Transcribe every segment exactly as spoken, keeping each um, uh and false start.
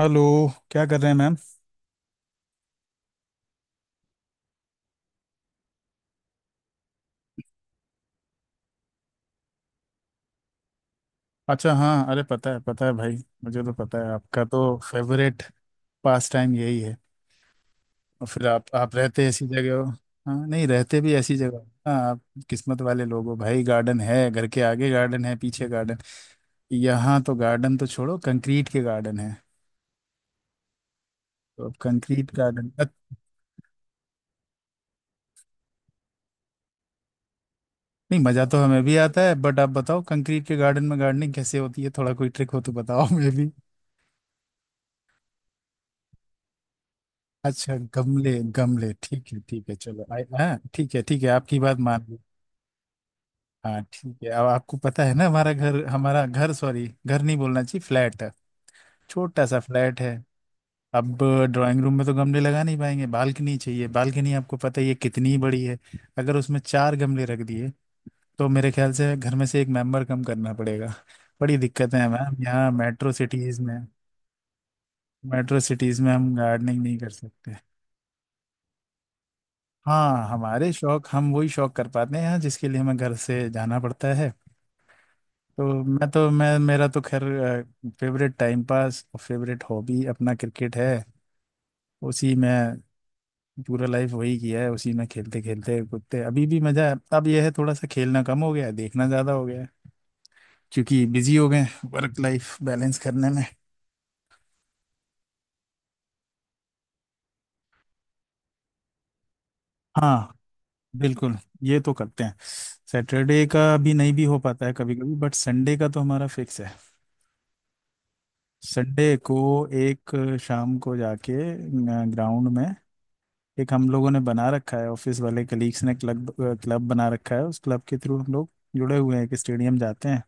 Hello. क्या कर रहे हैं मैम? अच्छा, हाँ। अरे पता है पता है भाई। मुझे तो पता है, आपका तो फेवरेट पास टाइम यही है। और फिर आप आप रहते ऐसी जगह हो। हाँ, नहीं रहते भी ऐसी जगह हो। हाँ, आप किस्मत वाले लोग हो भाई। गार्डन है, घर के आगे गार्डन है, पीछे गार्डन। यहाँ तो गार्डन तो छोड़ो, कंक्रीट के गार्डन है। तो अब कंक्रीट गार्डन। नहीं, मजा तो हमें भी आता है, बट आप बताओ कंक्रीट के गार्डन में गार्डनिंग कैसे होती है? थोड़ा कोई ट्रिक हो तो बताओ हमें। अच्छा, गमले। गमले ठीक है, ठीक है, चलो आई। हाँ ठीक है, ठीक है, आपकी बात मान ली। हाँ ठीक है। अब आपको पता है ना, हमारा घर, हमारा घर, सॉरी, घर नहीं बोलना चाहिए, फ्लैट है। छोटा सा फ्लैट है। अब ड्राइंग रूम में तो गमले लगा नहीं पाएंगे, बालकनी चाहिए। बालकनी आपको पता ही है कितनी बड़ी है। अगर उसमें चार गमले रख दिए तो मेरे ख्याल से घर में से एक मेंबर कम करना पड़ेगा। बड़ी दिक्कत है मैम, यहाँ मेट्रो सिटीज में, मेट्रो सिटीज में हम गार्डनिंग नहीं कर सकते। हाँ, हमारे शौक, हम वही शौक कर पाते हैं जिसके लिए हमें घर से जाना पड़ता है। तो मैं तो मैं, मेरा तो खैर फेवरेट टाइम पास और फेवरेट हॉबी अपना क्रिकेट है। उसी में पूरा लाइफ वही किया है। उसी में खेलते खेलते कूदते अभी भी मजा है। अब यह है, थोड़ा सा खेलना कम हो गया है, देखना ज्यादा हो गया है। क्योंकि बिजी हो गए वर्क लाइफ बैलेंस करने में। हाँ, बिल्कुल, ये तो करते हैं। सैटरडे का भी नहीं भी हो पाता है कभी कभी, बट संडे का तो हमारा फिक्स है। संडे को एक शाम को जाके ग्राउंड में, एक हम लोगों ने बना रखा है, ऑफिस वाले कलीग्स ने क्लब, क्लब बना रखा है, उस क्लब के थ्रू हम लोग जुड़े हुए हैं कि स्टेडियम जाते हैं,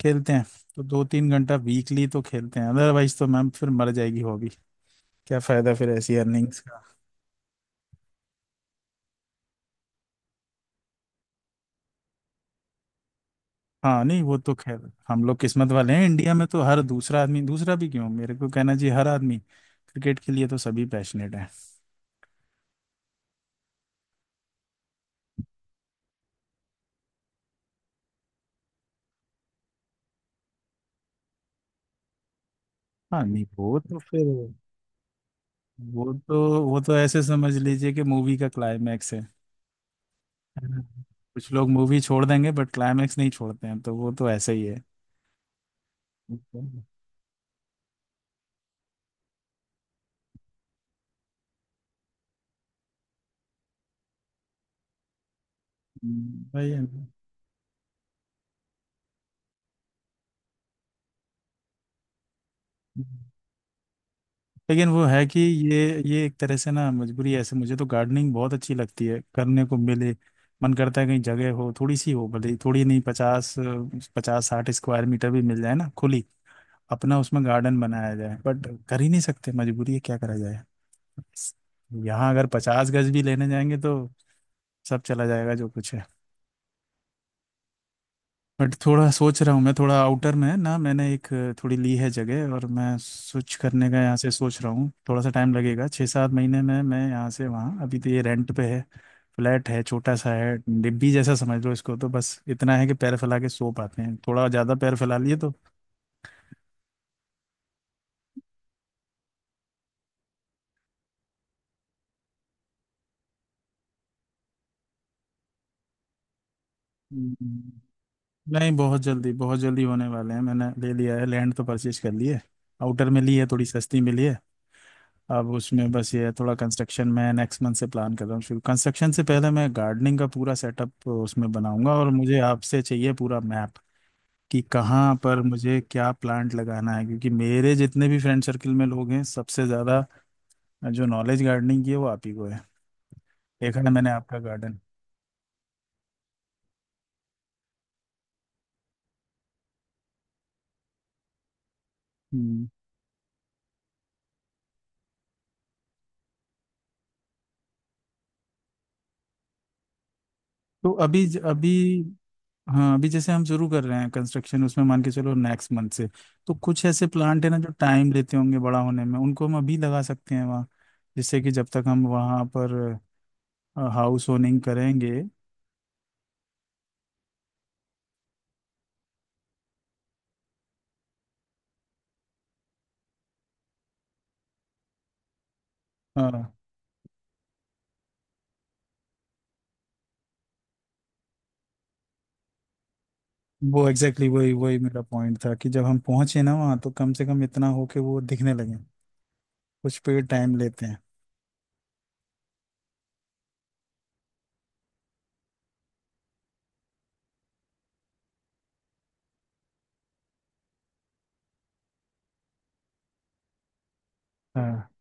खेलते हैं। तो दो तीन घंटा वीकली तो खेलते हैं, अदरवाइज तो मैम फिर मर जाएगी हॉबी। क्या फायदा फिर ऐसी अर्निंग्स का? हाँ नहीं, वो तो खैर हम लोग किस्मत वाले हैं। इंडिया में तो हर दूसरा आदमी, दूसरा भी क्यों, मेरे को कहना चाहिए हर आदमी, क्रिकेट के लिए तो सभी पैशनेट हैं। हाँ नहीं, वो तो फिर वो तो वो तो ऐसे समझ लीजिए कि मूवी का क्लाइमैक्स है। हाँ। कुछ लोग मूवी छोड़ देंगे बट क्लाइमैक्स नहीं छोड़ते हैं, तो वो तो ऐसा ही है। हम्म, वही है ना। लेकिन वो है कि ये ये एक तरह से ना मजबूरी है। ऐसे मुझे तो गार्डनिंग बहुत अच्छी लगती है, करने को मिले। मन करता है कहीं जगह हो, थोड़ी सी हो, भले ही थोड़ी नहीं, पचास पचास साठ स्क्वायर मीटर भी मिल जाए ना खुली, अपना उसमें गार्डन बनाया जाए। बट कर ही नहीं सकते, मजबूरी है, क्या करा जाए। यहाँ अगर पचास गज भी लेने जाएंगे तो सब चला जाएगा जो कुछ है। बट थोड़ा सोच रहा हूँ मैं, थोड़ा आउटर में है ना, मैंने एक अ, थोड़ी ली है जगह, और मैं स्विच करने का यहाँ से सोच रहा हूँ। थोड़ा सा टाइम लगेगा, छः सात महीने में मैं यहाँ से वहाँ। अभी तो ये रेंट पे है। फ्लैट है, छोटा सा है, डिब्बी जैसा समझ लो इसको। तो बस इतना है कि पैर फैला के सो पाते हैं, थोड़ा ज़्यादा पैर फैला लिए तो। हम्म, नहीं, बहुत जल्दी बहुत जल्दी होने वाले हैं। मैंने ले लिया है, लैंड तो परचेज कर ली है। आउटर में ली है, थोड़ी सस्ती मिली है। अब उसमें बस ये है, थोड़ा कंस्ट्रक्शन मैं नेक्स्ट मंथ से प्लान कर रहा हूँ शुरू। कंस्ट्रक्शन से पहले मैं गार्डनिंग का पूरा सेटअप उसमें बनाऊंगा, और मुझे आपसे चाहिए पूरा मैप, कि कहाँ पर मुझे क्या प्लांट लगाना है, क्योंकि मेरे जितने भी फ्रेंड सर्कल में लोग हैं, सबसे ज़्यादा जो नॉलेज गार्डनिंग की है वो आप ही को है। देखा है मैंने आपका गार्डन। हम्म, तो अभी अभी, हाँ, अभी जैसे हम शुरू कर रहे हैं कंस्ट्रक्शन, उसमें मान के चलो नेक्स्ट मंथ से। तो कुछ ऐसे प्लांट है ना जो टाइम लेते होंगे बड़ा होने में, उनको हम अभी लगा सकते हैं वहाँ, जिससे कि जब तक हम वहाँ पर हाउस होनिंग करेंगे। हाँ, वो एग्जैक्टली exactly वही वही मेरा पॉइंट था कि जब हम पहुंचे ना वहाँ, तो कम से कम इतना हो कि वो दिखने लगे। कुछ पेड़ टाइम लेते हैं। हाँ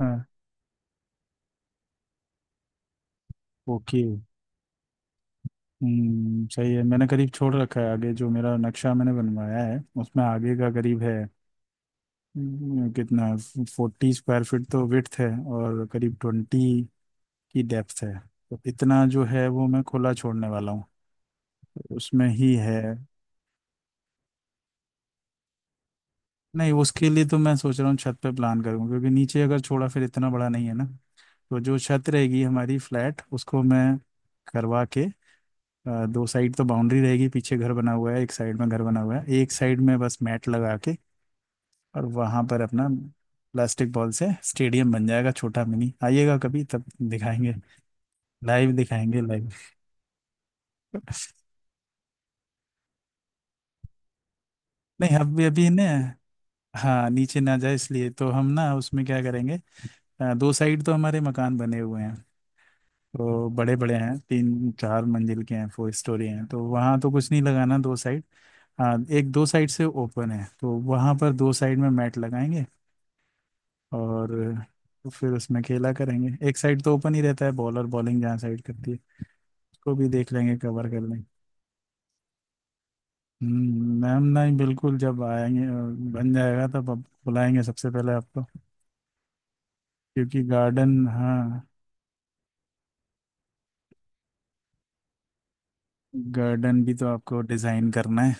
हाँ, ओके। हम्म, सही है। मैंने करीब छोड़ रखा है आगे, जो मेरा नक्शा मैंने बनवाया है उसमें आगे का करीब है। हम्म, कितना, फोर्टी स्क्वायर फीट तो विड्थ है, और करीब ट्वेंटी की डेप्थ है। तो इतना जो है वो मैं खुला छोड़ने वाला हूँ, उसमें ही है। नहीं, उसके लिए तो मैं सोच रहा हूँ छत पे प्लान करूँ, क्योंकि नीचे अगर छोड़ा फिर इतना बड़ा नहीं है ना। तो जो छत रहेगी हमारी फ्लैट, उसको मैं करवा के, अ, दो साइड तो बाउंड्री रहेगी, पीछे घर बना हुआ है, एक साइड में घर बना हुआ है, एक साइड में बस मैट लगा के। और वहां पर अपना प्लास्टिक बॉल से स्टेडियम बन जाएगा, छोटा मिनी। आइएगा कभी, तब दिखाएंगे। लाइव दिखाएंगे लाइव। नहीं अभी, अभी ना, हाँ, नीचे ना जाए इसलिए तो हम ना उसमें क्या करेंगे। अ, दो साइड तो हमारे मकान बने हुए हैं, तो बड़े बड़े हैं, तीन चार मंजिल के हैं, फोर स्टोरी हैं, तो वहाँ तो कुछ नहीं लगाना दो साइड। हाँ, एक दो साइड से ओपन है तो वहाँ पर दो साइड में मैट लगाएंगे, और फिर उसमें खेला करेंगे। एक साइड तो ओपन ही रहता है, बॉलर बॉलिंग जहाँ साइड करती है, उसको भी देख लेंगे, कवर कर लेंगे। हम्म, मैम, नहीं बिल्कुल, जब आएंगे, अ, बन जाएगा तब आप बुलाएंगे सबसे पहले आपको। क्योंकि गार्डन, हाँ, गार्डन भी तो आपको डिजाइन करना है।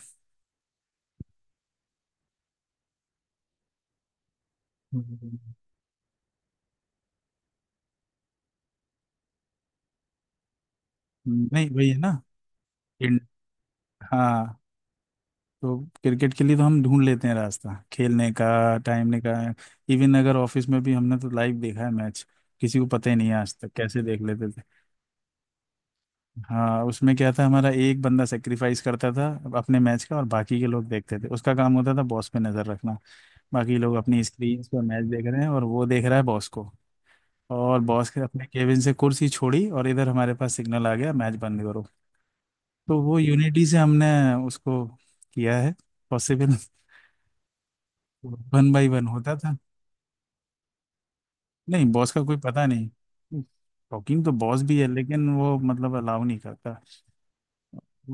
हम्म। नहीं वही है ना। इन- हाँ, तो क्रिकेट के लिए तो हम ढूंढ लेते हैं रास्ता खेलने का, टाइम निकाल। इवन अगर ऑफिस में भी हमने तो लाइव देखा है मैच, किसी को पता ही नहीं है आज तक कैसे देख लेते थे। हाँ, उसमें क्या था, हमारा एक बंदा सेक्रीफाइस करता था अपने मैच का, और बाकी के लोग देखते थे। उसका काम होता था बॉस पे नजर रखना। बाकी लोग अपनी स्क्रीन पर मैच देख रहे हैं, और वो देख रहा है बॉस को। और बॉस के अपने केबिन से कुर्सी छोड़ी और इधर हमारे पास सिग्नल आ गया, मैच बंद करो। तो वो यूनिटी से हमने उसको किया है पॉसिबल। वन बाई वन होता था। नहीं, बॉस का कोई पता नहीं। टॉकिंग तो बॉस भी है, लेकिन वो मतलब अलाउ नहीं करता।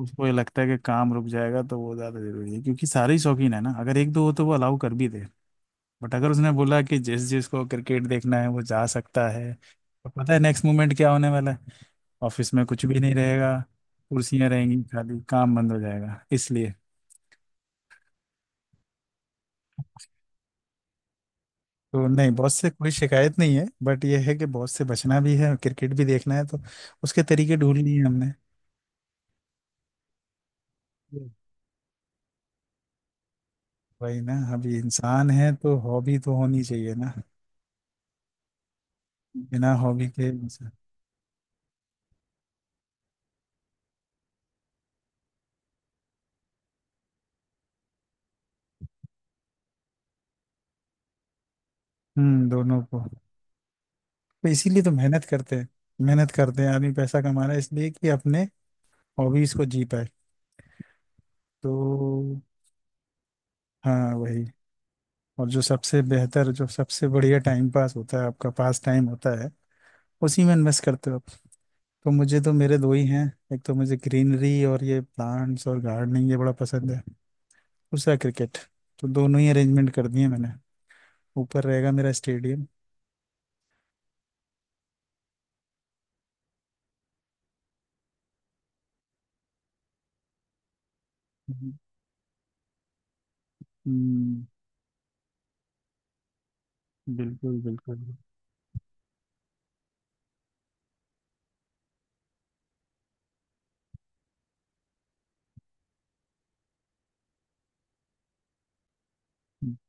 उसको ये लगता है कि काम रुक जाएगा तो वो ज़्यादा जरूरी है, क्योंकि सारे ही शौकीन है ना, अगर एक दो हो तो वो अलाउ कर भी दे। बट अगर उसने बोला कि जिस जिसको क्रिकेट देखना है वो जा सकता है, तो पता है नेक्स्ट मोमेंट क्या होने वाला है। ऑफिस में कुछ भी नहीं रहेगा, कुर्सियां रहेंगी खाली, काम बंद हो जाएगा, इसलिए। तो नहीं, बॉस से कोई शिकायत नहीं है, बट ये है कि बॉस से बचना भी है, क्रिकेट भी देखना है, तो उसके तरीके ढूंढ लिए हमने। हम्म। वही ना, अभी इंसान है तो हॉबी तो होनी चाहिए ना। बिना हॉबी के इंसान- हम्म दोनों को। तो इसीलिए तो मेहनत करते हैं, मेहनत करते हैं। आदमी पैसा कमा रहा है इसलिए कि अपने हॉबीज को जी पाए। तो हाँ, वही। और जो सबसे बेहतर, जो सबसे बढ़िया टाइम पास होता है, आपका पास टाइम होता है, उसी में इन्वेस्ट करते हो आप। तो मुझे तो, मेरे दो ही हैं। एक तो मुझे ग्रीनरी और ये प्लांट्स और गार्डनिंग ये बड़ा पसंद है, दूसरा क्रिकेट। तो दोनों ही अरेंजमेंट कर दिए मैंने। ऊपर रहेगा मेरा स्टेडियम। हम्म, बिल्कुल बिल्कुल।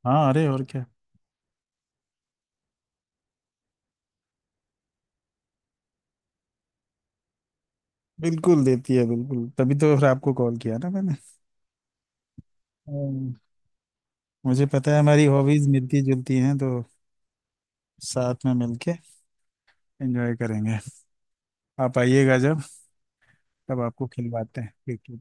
हाँ अरे और क्या, बिल्कुल देती है बिल्कुल, तभी तो फिर आपको कॉल किया ना मैंने। हम्म, मुझे पता है हमारी हॉबीज मिलती जुलती हैं, तो साथ में मिलके एंजॉय करेंगे। आप आइएगा जब, तब आपको खिलवाते हैं क्रिकेट।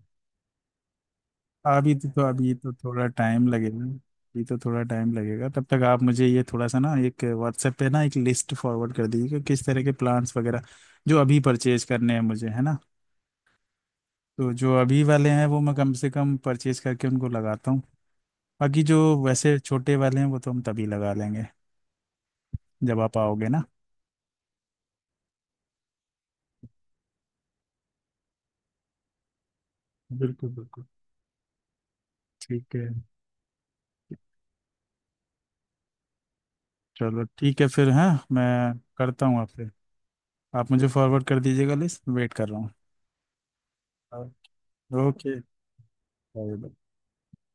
अभी तो तो अभी तो थोड़ा टाइम लगेगा, अभी तो थोड़ा टाइम लगेगा। तब तक आप मुझे ये थोड़ा सा ना, एक व्हाट्सएप पे ना, एक लिस्ट फॉरवर्ड कर दीजिए कि किस तरह के प्लान्स वगैरह, जो अभी परचेज करने हैं मुझे, है ना। तो जो अभी वाले हैं, वो मैं कम से कम परचेज करके उनको लगाता हूँ, बाकी जो वैसे छोटे वाले हैं वो तो हम तभी लगा लेंगे, जब आप आओगे ना। बिल्कुल बिल्कुल, ठीक है। चलो ठीक है फिर। हाँ मैं करता हूँ आपसे। आप मुझे फॉरवर्ड कर दीजिएगा लिस्ट, वेट कर रहा हूँ। Okay, bye.